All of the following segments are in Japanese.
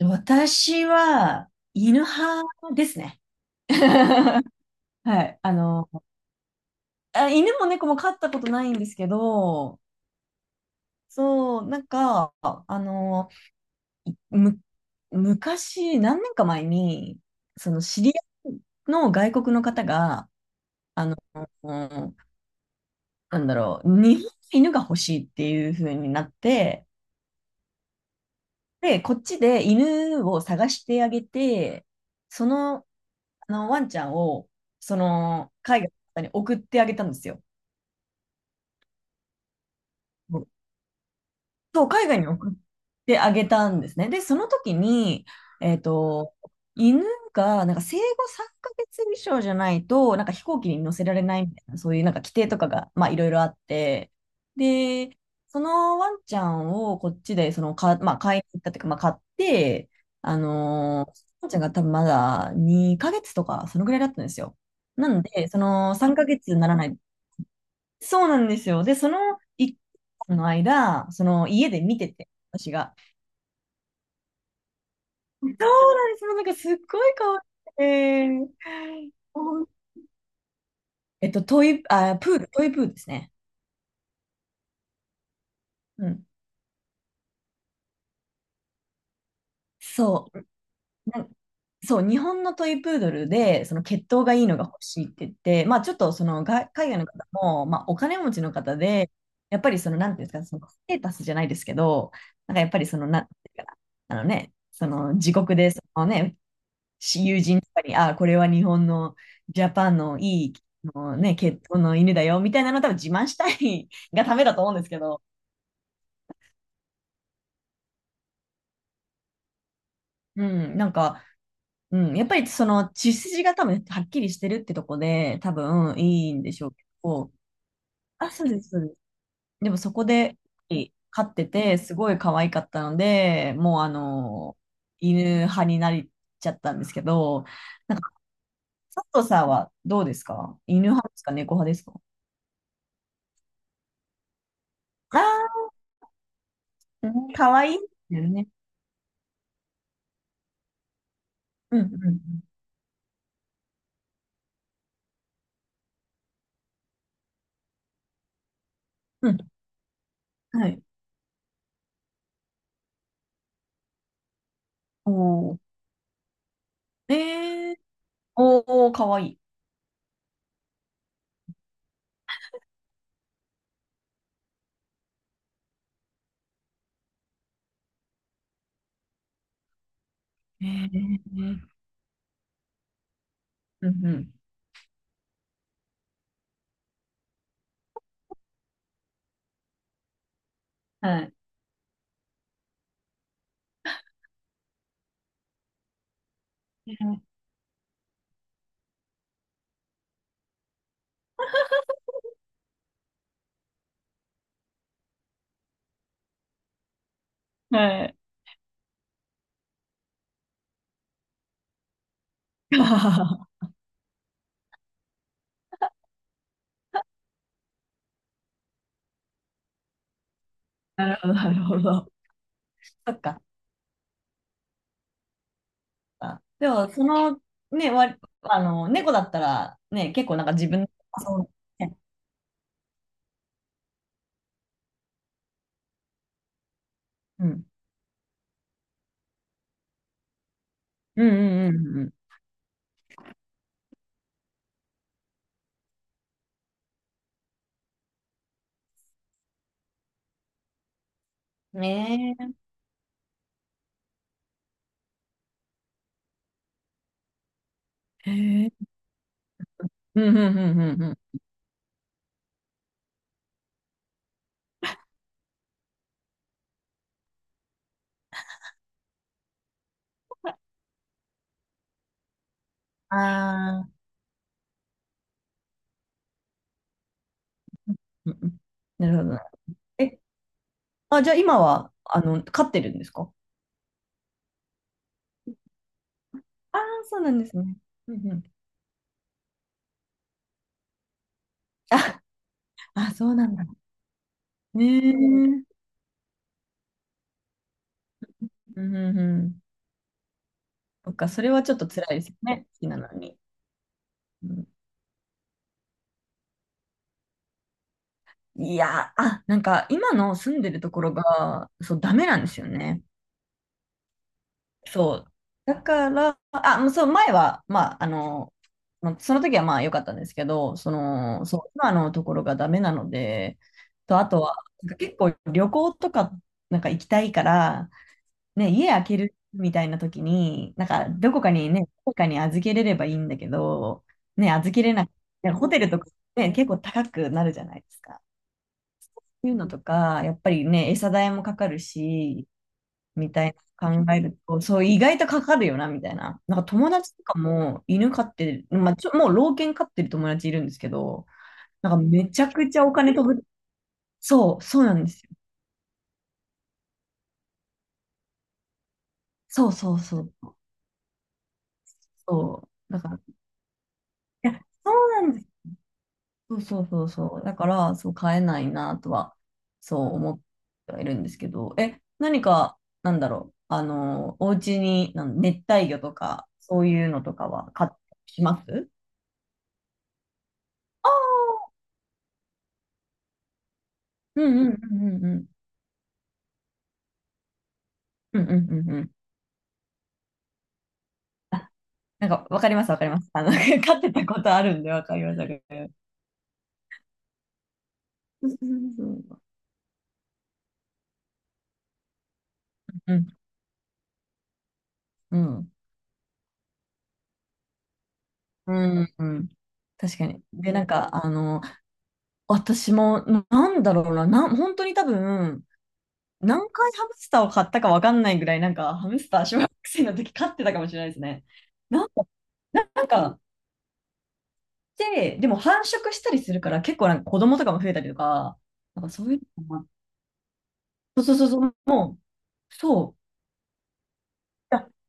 私は、犬派ですね。はい。あ、犬も猫も飼ったことないんですけど、そう、いむ、昔、何年か前に、その知り合いの外国の方が、あの、な日本の犬が欲しいっていう風になって、で、こっちで犬を探してあげて、そのワンちゃんを、海外の方に送ってあげたんですよ。うん、そう、海外に送ってあげたんですね。で、その時に、えっと、犬が、生後3ヶ月以上じゃないと、飛行機に乗せられないみたいな、そういう規定とかが、まあ、いろいろあって、で、そのワンちゃんをこっちで、まあ、買いに行ったというか、まあ、買って、ワンちゃんが多分まだ2ヶ月とか、そのぐらいだったんですよ。なんで、その3ヶ月にならないそうなんですよ。で、その1の間、その家で見てて、私が。そうなんです。もうすっごい可愛くて。ほんえっと、トイ、あ、プール、トイプールですね。うん。そう。なそう、日本のトイプードルで、その血統がいいのが欲しいって言って、まあちょっとそのが海外の方も、まあお金持ちの方で、やっぱりその、なんていうんですか、そのステータスじゃないですけど、やっぱりその、なんていうかな、あのね、その自国で、そのね、友人とかに、ああ、これは日本のジャパンのいい、あのね、血統の犬だよ、みたいなの多分自慢したい がためだと思うんですけど、うん、なんか、うん、やっぱりその血筋が多分はっきりしてるってとこで多分いいんでしょうけど、あ、そうです、そうです。でもそこで飼っててすごい可愛かったので、もう犬派になっちゃったんですけど、なんか佐藤さんはどうですか、犬派ですか、猫派ですか？ああー、うん、可愛いですよね。うん、うん、うん。うん、はい。おー。えー、おー、可愛い。えー、うん、うん。はい。はい。あー、なるほど、なるほど。そっか。あ、でも、その、ね、わ、あの、猫だったら、ね、結構自分、あ、そうね。うん。うんうんうんうん。ねえ。へえ。うんうんうんうんうん。ああ。うんうん。なるほど。え、あ、じゃあ今は、飼ってるんですか？ああー、そうなんですね。うんうん。あ、あ、そうなんだ。ねえ。うんうんうん。そっか、それはちょっと辛いですよね。好きなのに。うん、いや、あ、今の住んでるところが、そう、ダメなんですよね。そう。だから、あ、もうそう、前は、まあ、まあその時はまあ良かったんですけど、その、そう、今のところがダメなので、あとは、結構旅行とか、行きたいから、ね、家開けるみたいな時に、どこかにね、どこかに預けれればいいんだけど、ね、預けれなくて、ホテルとかね、結構高くなるじゃないですか。いうのとか、やっぱりね、餌代もかかるし、みたいな考えると、そう、意外とかかるよな、みたいな。友達とかも犬飼ってる、まあ、もう老犬飼ってる友達いるんですけど、めちゃくちゃお金飛ぶ。そう、そうなんですよ。そうそうそう。そう。だから、いや、そうなんです、そうそうそうそう。だから、そう買えないなとは、そう思ってはいるんですけど、え、何か、お家に、熱帯魚とか、そういうのとかは買ってきます？うんうんうんうんうん。うんうんうんうん。わかります、わかります。飼ってたことあるんで、わかります、わかります。そうそうそう、うん。うん。うん。うん、確かに。で、私も、ななんだろうな、な、本当に多分、何回ハムスターを買ったかわかんないぐらい、ハムスター小学生の時飼ってたかもしれないですね。なんか、ななんか、でも繁殖したりするから、結構子供とかも増えたりとか、そういうのも、あ、そうそうそうそう、もう、そう、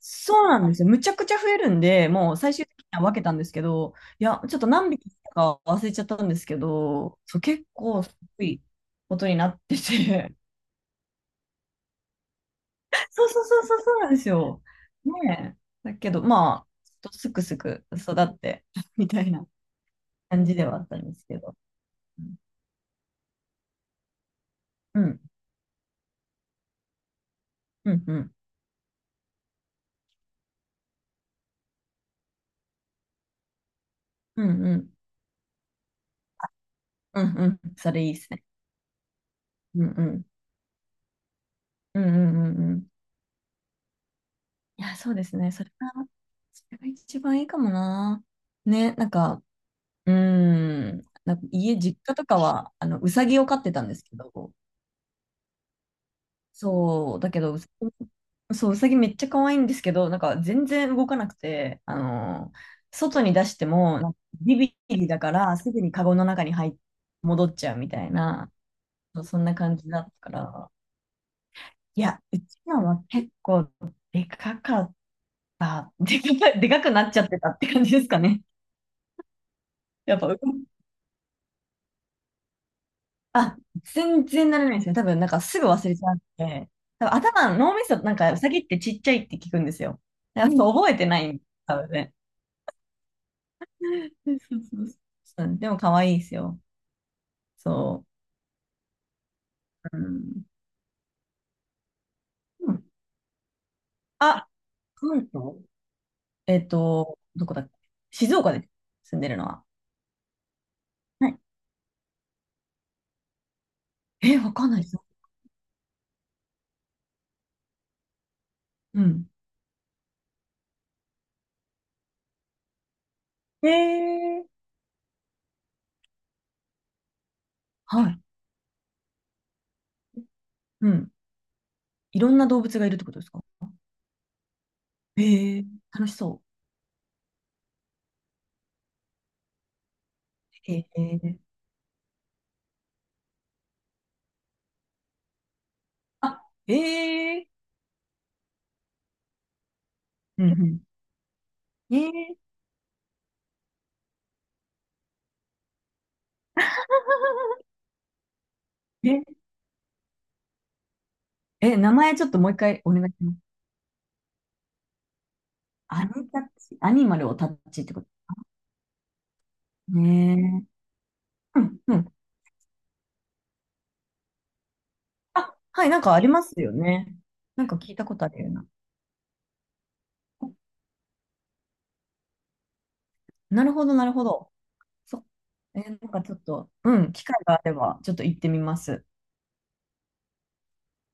そうなんですよ。むちゃくちゃ増えるんで、もう最終的には分けたんですけど、いや、ちょっと何匹か忘れちゃったんですけど、そう、結構すごいことになってて。そうそうそうそう、そうなんですよ。ねえ。だけど、まあ、ちょっとすくすく育って、みたいな感じではあったんですけど。うん、うん、うん、うん、うん、うん、うん、それいいですね。うん、うん、うん、うん、うん。うん、いや、そうですね。それが、それが一番いいかもな。ね、家、実家とかは、うさぎを飼ってたんですけど、そう、だけど、うさぎめっちゃ可愛いんですけど、全然動かなくて、外に出しても、ビビリだから、すぐにカゴの中に戻っちゃうみたいな、そう、そんな感じだったから、いや、うちのは結構でかかっでかくなっちゃってたって感じですかね。やっぱ動くあ、全然慣れないんですよ。多分、すぐ忘れちゃって、多分脳みそ、ウサギってちっちゃいって聞くんですよ。だからそう覚えてないんです、多分ね。そうそうそう、うん、でも、可愛いですよ。そう。うん。うん。あ、関東。どこだっけ。静岡です。住んでるのは。はい。え、わかんないですよ。うん。へえー。はい。うん。いろんな動物がいるってことですか？へえー、楽しそう。へえー、あ、へえー、うんうん。へえー、ええ、名前ちょっともう一回お願いします。アニタッチ、アニマルをタッチってことね。うん、うん。あ、はい、なんかありますよね。なんか聞いたことあるような。なるほど、なるほど。そ、え、なんかちょっと、うん、機会があれば、ちょっと行ってみます。